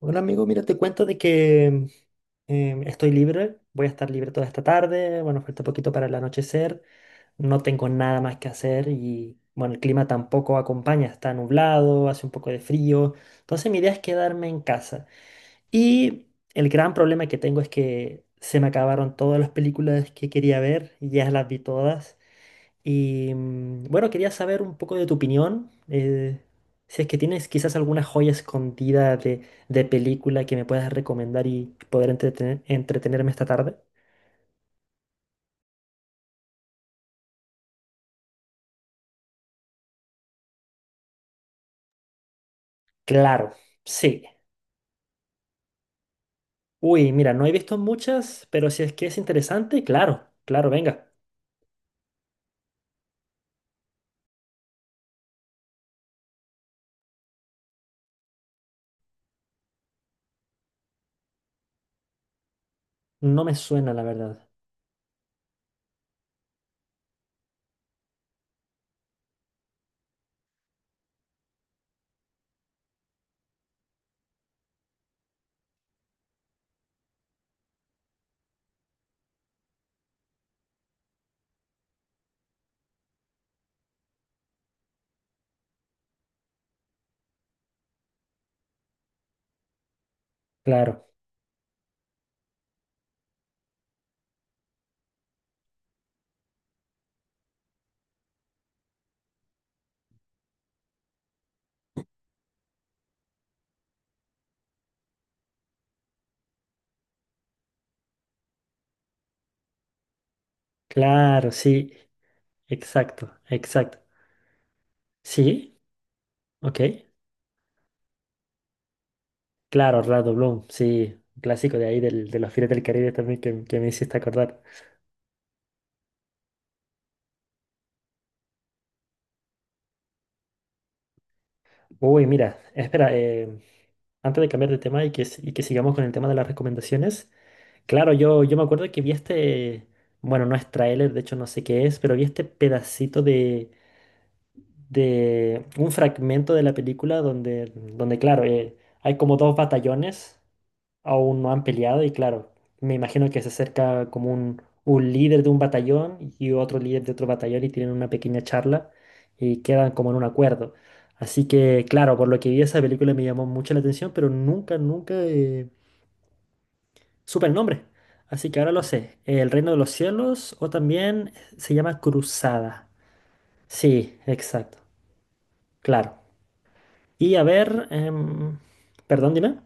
Bueno, amigo, mira, te cuento de que estoy libre, voy a estar libre toda esta tarde, bueno, falta poquito para el anochecer, no tengo nada más que hacer y, bueno, el clima tampoco acompaña, está nublado, hace un poco de frío, entonces mi idea es quedarme en casa. Y el gran problema que tengo es que se me acabaron todas las películas que quería ver, y ya las vi todas. Y bueno, quería saber un poco de tu opinión. Si es que tienes quizás alguna joya escondida de película que me puedas recomendar y poder entretenerme esta tarde. Claro, sí. Uy, mira, no he visto muchas, pero si es que es interesante, claro, claro, venga. No me suena, la verdad. Claro, claro, sí, exacto, exacto. Sí, ok. Claro, Orlando Bloom, sí, un clásico de ahí de los Piratas del Caribe también que me hiciste acordar. Uy, mira, espera, antes de cambiar de tema y y que sigamos con el tema de las recomendaciones, claro, yo me acuerdo que vi este, bueno, no es tráiler, de hecho no sé qué es, pero vi este pedacito de un fragmento de la película donde claro, hay como dos batallones aún no han peleado y claro, me imagino que se acerca como un líder de un batallón y otro líder de otro batallón y tienen una pequeña charla y quedan como en un acuerdo. Así que claro, por lo que vi esa película me llamó mucho la atención, pero nunca supe el nombre. Así que ahora lo sé, El Reino de los Cielos o también se llama Cruzada. Sí, exacto, claro. Y a ver, perdón, dime.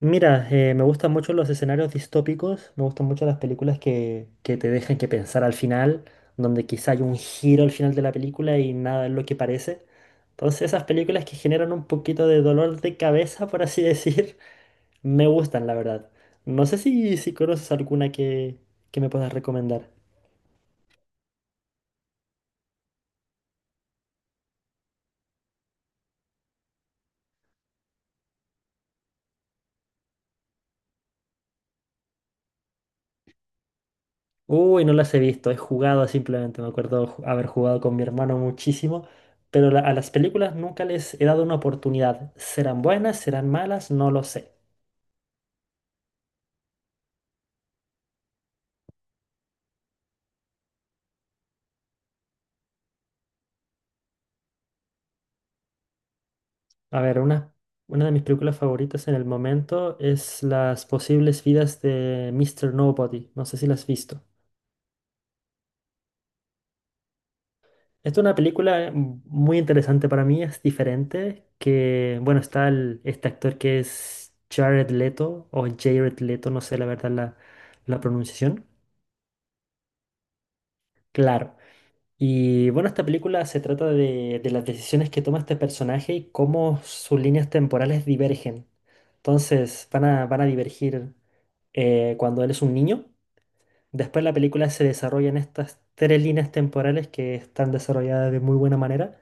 Mira, me gustan mucho los escenarios distópicos, me gustan mucho las películas que te dejan que pensar al final, donde quizá hay un giro al final de la película y nada es lo que parece. Entonces esas películas que generan un poquito de dolor de cabeza, por así decir, me gustan, la verdad. No sé si conoces alguna que me puedas recomendar. Uy, no las he visto, he jugado simplemente, me acuerdo haber jugado con mi hermano muchísimo, pero a las películas nunca les he dado una oportunidad. ¿Serán buenas? ¿Serán malas? No lo sé. A ver, una de mis películas favoritas en el momento es Las posibles vidas de Mr. Nobody. No sé si la has visto. Esta es una película muy interesante para mí, es diferente, que, bueno, está este actor que es Jared Leto, o Jared Leto, no sé la verdad la, la pronunciación. Claro. Y bueno, esta película se trata de las decisiones que toma este personaje y cómo sus líneas temporales divergen. Entonces van a divergir cuando él es un niño. Después la película se desarrolla en estas tres líneas temporales que están desarrolladas de muy buena manera,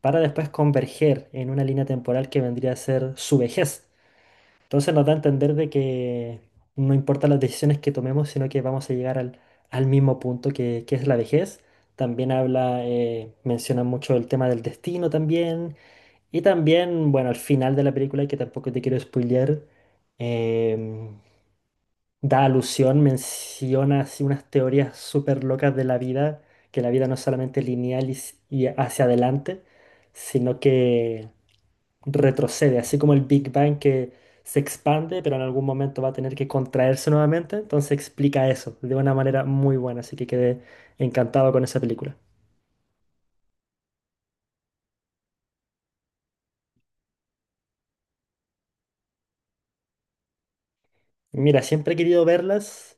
para después converger en una línea temporal que vendría a ser su vejez. Entonces nos da a entender de que no importa las decisiones que tomemos, sino que vamos a llegar al mismo punto que es la vejez. También habla, menciona mucho el tema del destino también. Y también, bueno, al final de la película, que tampoco te quiero spoilear, em, da alusión, menciona así unas teorías súper locas de la vida, que la vida no es solamente lineal y hacia adelante, sino que retrocede, así como el Big Bang que se expande, pero en algún momento va a tener que contraerse nuevamente. Entonces explica eso de una manera muy buena, así que quedé encantado con esa película. Mira, siempre he querido verlas.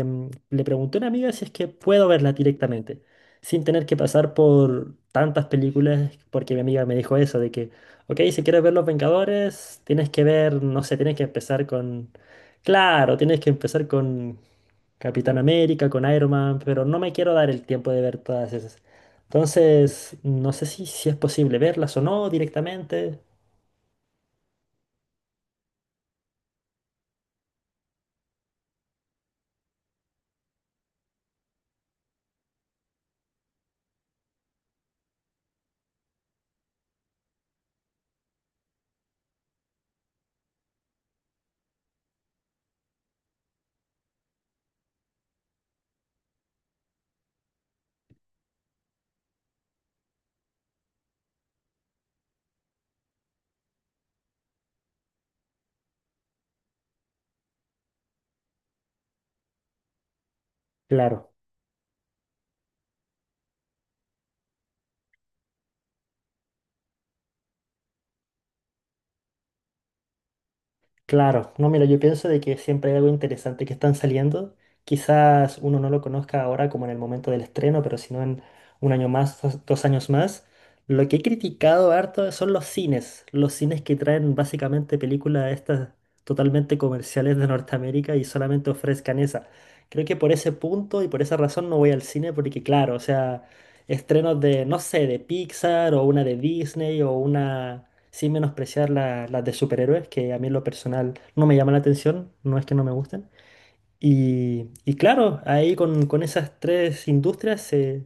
Le pregunté a una amiga si es que puedo verlas directamente, sin tener que pasar por tantas películas, porque mi amiga me dijo eso, de que, ok, si quieres ver Los Vengadores, tienes que ver, no sé, tienes que empezar con, claro, tienes que empezar con Capitán América, con Iron Man, pero no me quiero dar el tiempo de ver todas esas. Entonces, no sé si es posible verlas o no directamente. Claro. Claro, no, mira, yo pienso de que siempre hay algo interesante que están saliendo. Quizás uno no lo conozca ahora como en el momento del estreno, pero si no en un año más, dos años más. Lo que he criticado harto son los cines que traen básicamente películas estas totalmente comerciales de Norteamérica y solamente ofrezcan esa. Creo que por ese punto y por esa razón no voy al cine porque claro, o sea, estrenos de, no sé, de Pixar o una de Disney o una sin menospreciar las de superhéroes, que a mí en lo personal no me llama la atención, no es que no me gusten. Y claro, ahí con esas tres industrias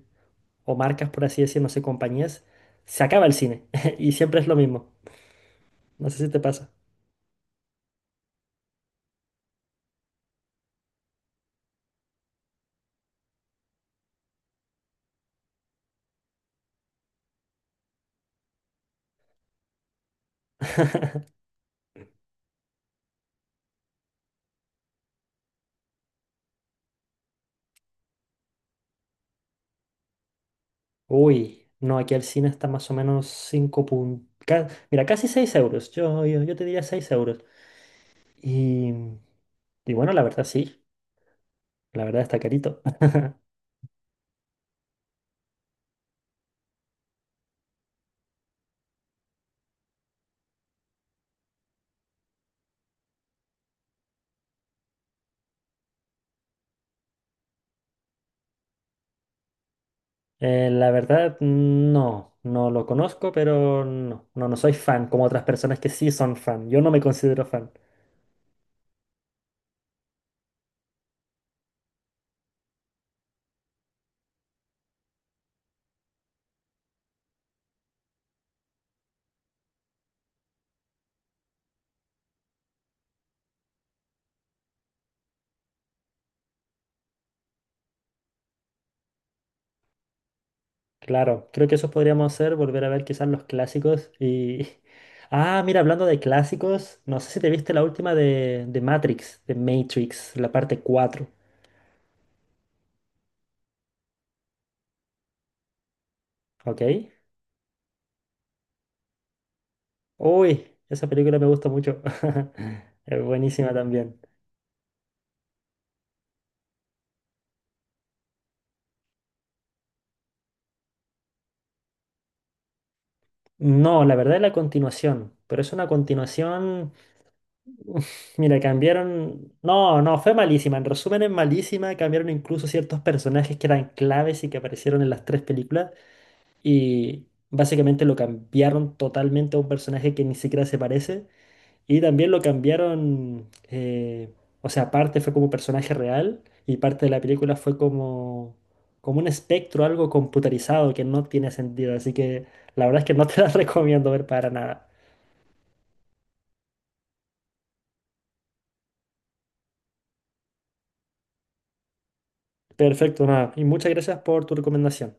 o marcas, por así decir, no sé, compañías, se acaba el cine y siempre es lo mismo. No sé si te pasa. Uy, no, aquí el cine está más o menos 5 puntos. Mira, casi 6 euros. Yo te diría 6 euros. Y, y bueno, la verdad sí, la verdad está carito. La verdad, no, no lo conozco, pero no, no, no soy fan, como otras personas que sí son fan. Yo no me considero fan. Claro, creo que eso podríamos hacer, volver a ver quizás los clásicos y... Ah, mira, hablando de clásicos, no sé si te viste la última de Matrix, la parte 4. ¿Ok? Uy, esa película me gusta mucho. Es buenísima también. No, la verdad es la continuación, pero es una continuación. Uf, mira, cambiaron. No, no, fue malísima. En resumen, es malísima. Cambiaron incluso ciertos personajes que eran claves y que aparecieron en las tres películas. Y básicamente lo cambiaron totalmente a un personaje que ni siquiera se parece. Y también lo cambiaron. O sea, parte fue como personaje real y parte de la película fue como, como un espectro, algo computarizado que no tiene sentido. Así que la verdad es que no te la recomiendo ver para nada. Perfecto, nada. Y muchas gracias por tu recomendación.